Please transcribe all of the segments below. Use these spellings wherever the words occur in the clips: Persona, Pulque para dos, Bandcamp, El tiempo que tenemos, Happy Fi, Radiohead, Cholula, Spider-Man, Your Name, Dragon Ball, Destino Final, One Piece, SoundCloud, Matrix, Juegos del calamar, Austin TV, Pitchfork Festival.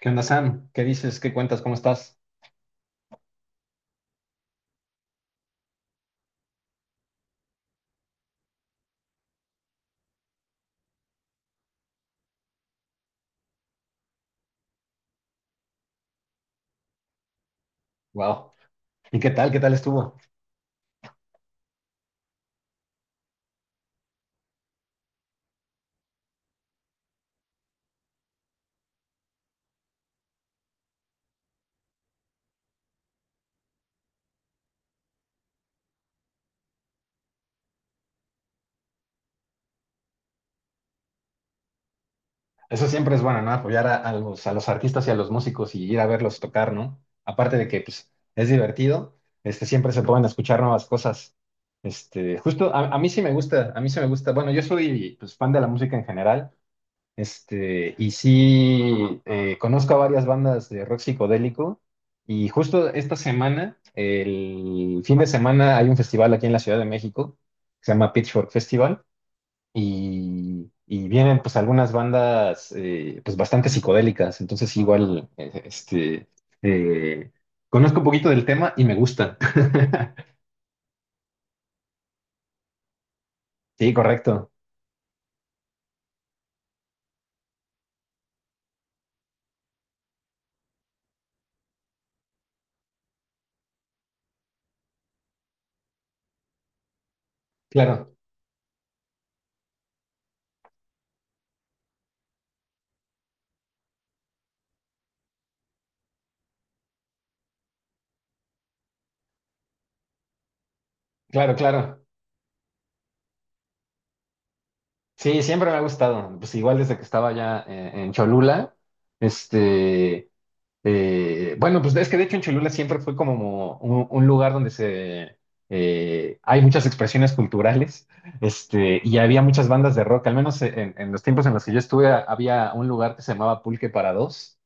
¿Qué onda, Sam? ¿Qué dices? ¿Qué cuentas? ¿Cómo estás? Wow. ¿Y qué tal? ¿Qué tal estuvo? Eso siempre es bueno, ¿no? Apoyar a los artistas y a los músicos y ir a verlos tocar, ¿no? Aparte de que, pues, es divertido, siempre se pueden escuchar nuevas cosas. Justo a mí sí me gusta, a mí sí me gusta. Bueno, yo soy, pues, fan de la música en general. Y sí, conozco a varias bandas de rock psicodélico y justo esta semana, el fin de semana, hay un festival aquí en la Ciudad de México que se llama Pitchfork Festival y vienen pues algunas bandas pues bastante psicodélicas, entonces igual, eh, conozco un poquito del tema y me gusta. Sí, correcto, claro, claro, claro. Sí, siempre me ha gustado. Pues igual desde que estaba allá en Cholula, este, bueno, pues es que de hecho en Cholula siempre fue como un lugar donde se hay muchas expresiones culturales, y había muchas bandas de rock. Al menos en los tiempos en los que yo estuve había un lugar que se llamaba Pulque para dos,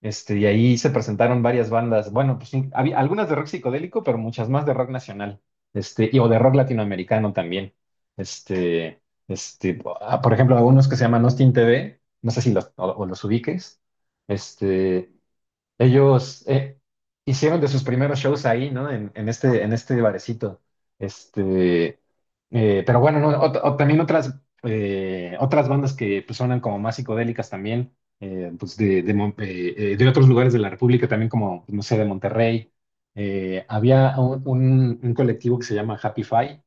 y ahí se presentaron varias bandas. Bueno, pues sí, había algunas de rock psicodélico, pero muchas más de rock nacional. Y, o de rock latinoamericano también. Por ejemplo, algunos que se llaman Austin TV, no sé si los, o los ubiques. Este, Ellos hicieron de sus primeros shows ahí, ¿no? En este barecito. Este, pero bueno, no, o también otras, otras bandas que pues, suenan como más psicodélicas también, pues de, de otros lugares de la República, también como, no sé, de Monterrey. Había un colectivo que se llama Happy Fi,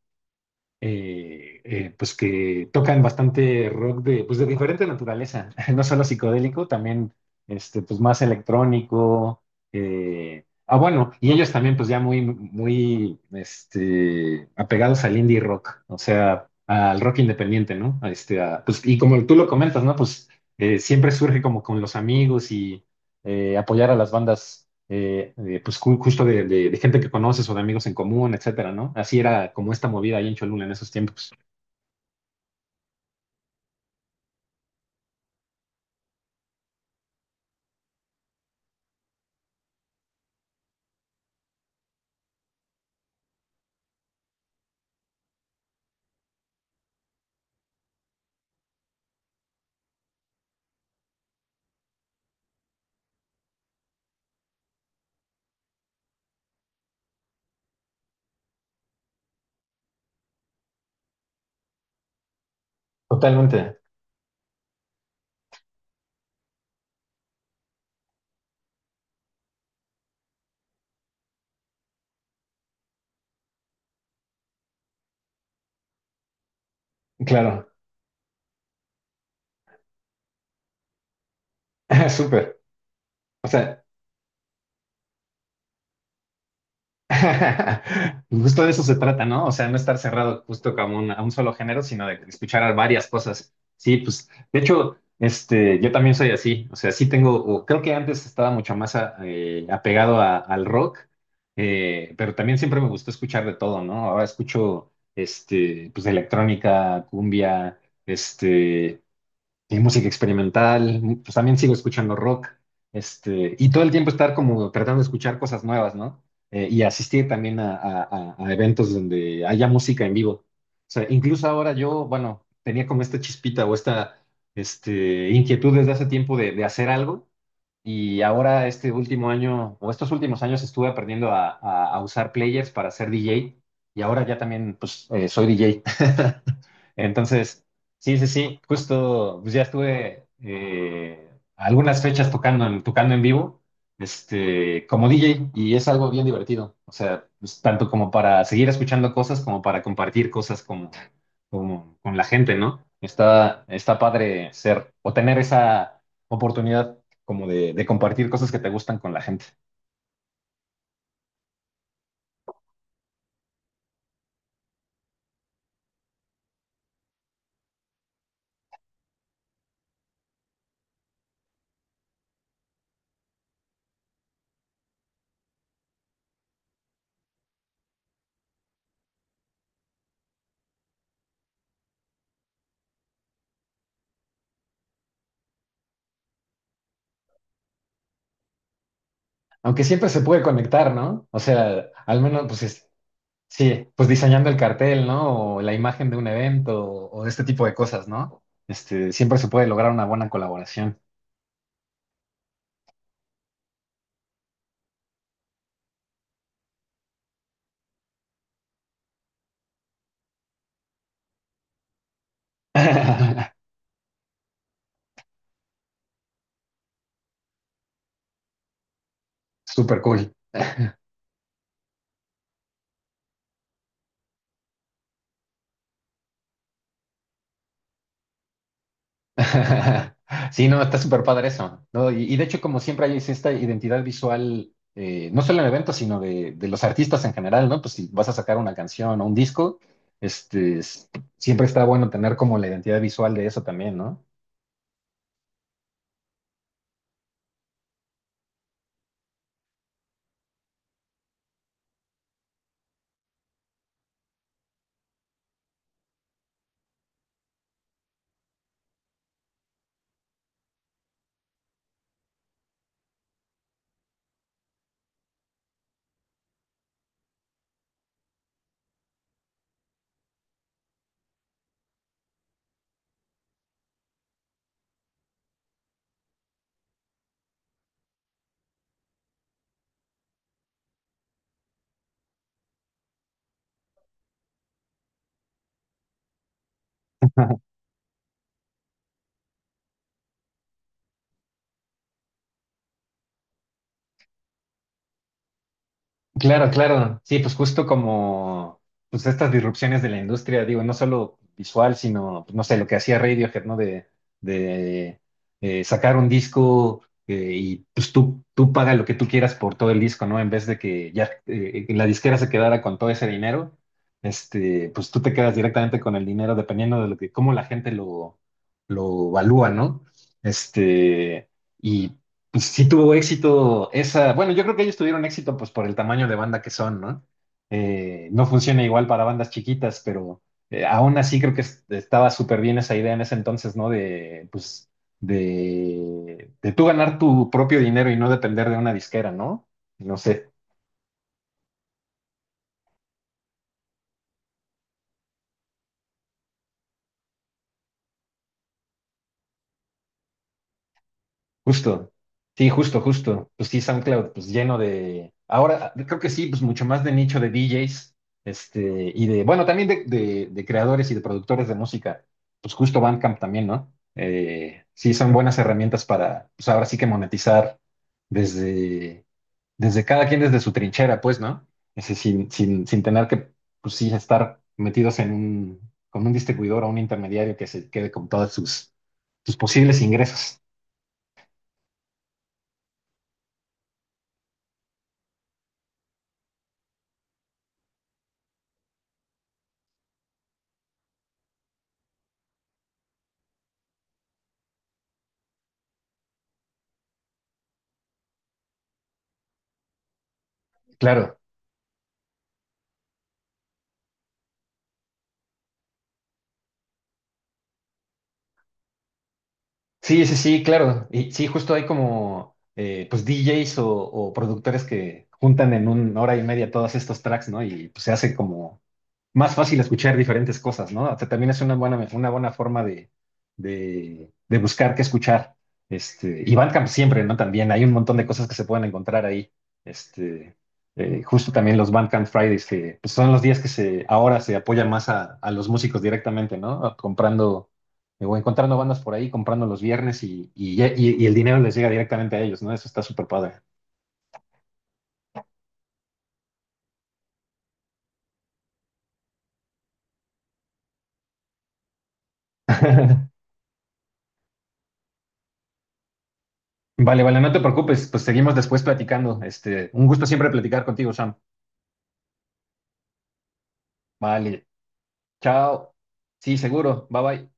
pues que tocan bastante rock de, pues de diferente naturaleza, no solo psicodélico, también pues más electrónico. Bueno, y ellos también pues ya muy, muy apegados al indie rock, o sea, al rock independiente, ¿no? Pues, y como tú lo comentas, ¿no? Pues siempre surge como con los amigos y apoyar a las bandas, pues justo de, de gente que conoces o de amigos en común, etcétera, ¿no? Así era como esta movida ahí en Cholula en esos tiempos. Totalmente, claro, súper. O sea, justo de eso se trata, ¿no? O sea, no estar cerrado justo como a un solo género, sino de escuchar a varias cosas. Sí, pues, de hecho, yo también soy así. O sea, sí tengo, o creo que antes estaba mucho más apegado al rock, pero también siempre me gustó escuchar de todo, ¿no? Ahora escucho, pues, electrónica, cumbia, este, y música experimental, pues también sigo escuchando rock, y todo el tiempo estar como tratando de escuchar cosas nuevas, ¿no? Y asistir también a, a eventos donde haya música en vivo. O sea, incluso ahora yo, bueno, tenía como esta chispita o esta, inquietud desde hace tiempo de hacer algo y ahora este último año, o estos últimos años, estuve aprendiendo a, a usar players para ser DJ. Y ahora ya también, pues, soy DJ. Entonces, sí, sí, sí, justo, pues ya estuve algunas fechas tocando en, tocando en vivo, como DJ. Y es algo bien divertido. O sea, pues, tanto como para seguir escuchando cosas, como para compartir cosas como, como con la gente, ¿no? Está, está padre ser o tener esa oportunidad como de compartir cosas que te gustan con la gente. Aunque siempre se puede conectar, ¿no? O sea, al menos, pues sí, pues diseñando el cartel, ¿no? O la imagen de un evento o este tipo de cosas, ¿no? Siempre se puede lograr una buena colaboración. Súper cool. Sí, no, está súper padre eso, ¿no? Y de hecho, como siempre hay es esta identidad visual, no solo en eventos, sino de los artistas en general, ¿no? Pues si vas a sacar una canción o un disco, este, s- siempre está bueno tener como la identidad visual de eso también, ¿no? Claro, claro. Sí, pues justo como pues estas disrupciones de la industria, digo, no solo visual, sino, pues, no sé, lo que hacía Radiohead, ¿no? De sacar un disco, y pues tú paga lo que tú quieras por todo el disco, ¿no? En vez de que ya la disquera se quedara con todo ese dinero, pues tú te quedas directamente con el dinero dependiendo de lo que, cómo la gente lo valúa, ¿no? Este... Y Sí tuvo éxito esa, bueno, yo creo que ellos tuvieron éxito pues por el tamaño de banda que son, ¿no? No funciona igual para bandas chiquitas, pero aún así creo que estaba súper bien esa idea en ese entonces, ¿no? De, pues, de tú ganar tu propio dinero y no depender de una disquera, ¿no? No sé. Justo, sí, justo, justo. Pues sí, SoundCloud, pues lleno de. Ahora creo que sí, pues mucho más de nicho de DJs, y de, bueno, también de, de creadores y de productores de música. Pues justo Bandcamp también, ¿no? Sí, son buenas herramientas para, pues ahora sí que monetizar desde, desde cada quien desde su trinchera, pues, ¿no? Ese, sin, sin, sin tener que, pues sí, estar metidos en un, con un distribuidor o un intermediario que se quede con todos sus, sus posibles ingresos. Claro. Sí, sí, sí, claro. Y sí, justo hay como pues DJs o productores que juntan en 1 hora y media todos estos tracks, ¿no? Y pues se hace como más fácil escuchar diferentes cosas, ¿no? O sea, también es una buena forma de buscar qué escuchar. Y Bandcamp siempre, ¿no? También hay un montón de cosas que se pueden encontrar ahí. Este, Justo también los Bandcamp Fridays, que pues, son los días que se, ahora se apoyan más a los músicos directamente, ¿no? A comprando o encontrando bandas por ahí, comprando los viernes y, y el dinero les llega directamente a ellos, ¿no? Eso está súper padre. Vale, vale, no te preocupes, pues seguimos después platicando. Un gusto siempre platicar contigo, Sam. Vale, chao. Sí, seguro. Bye bye.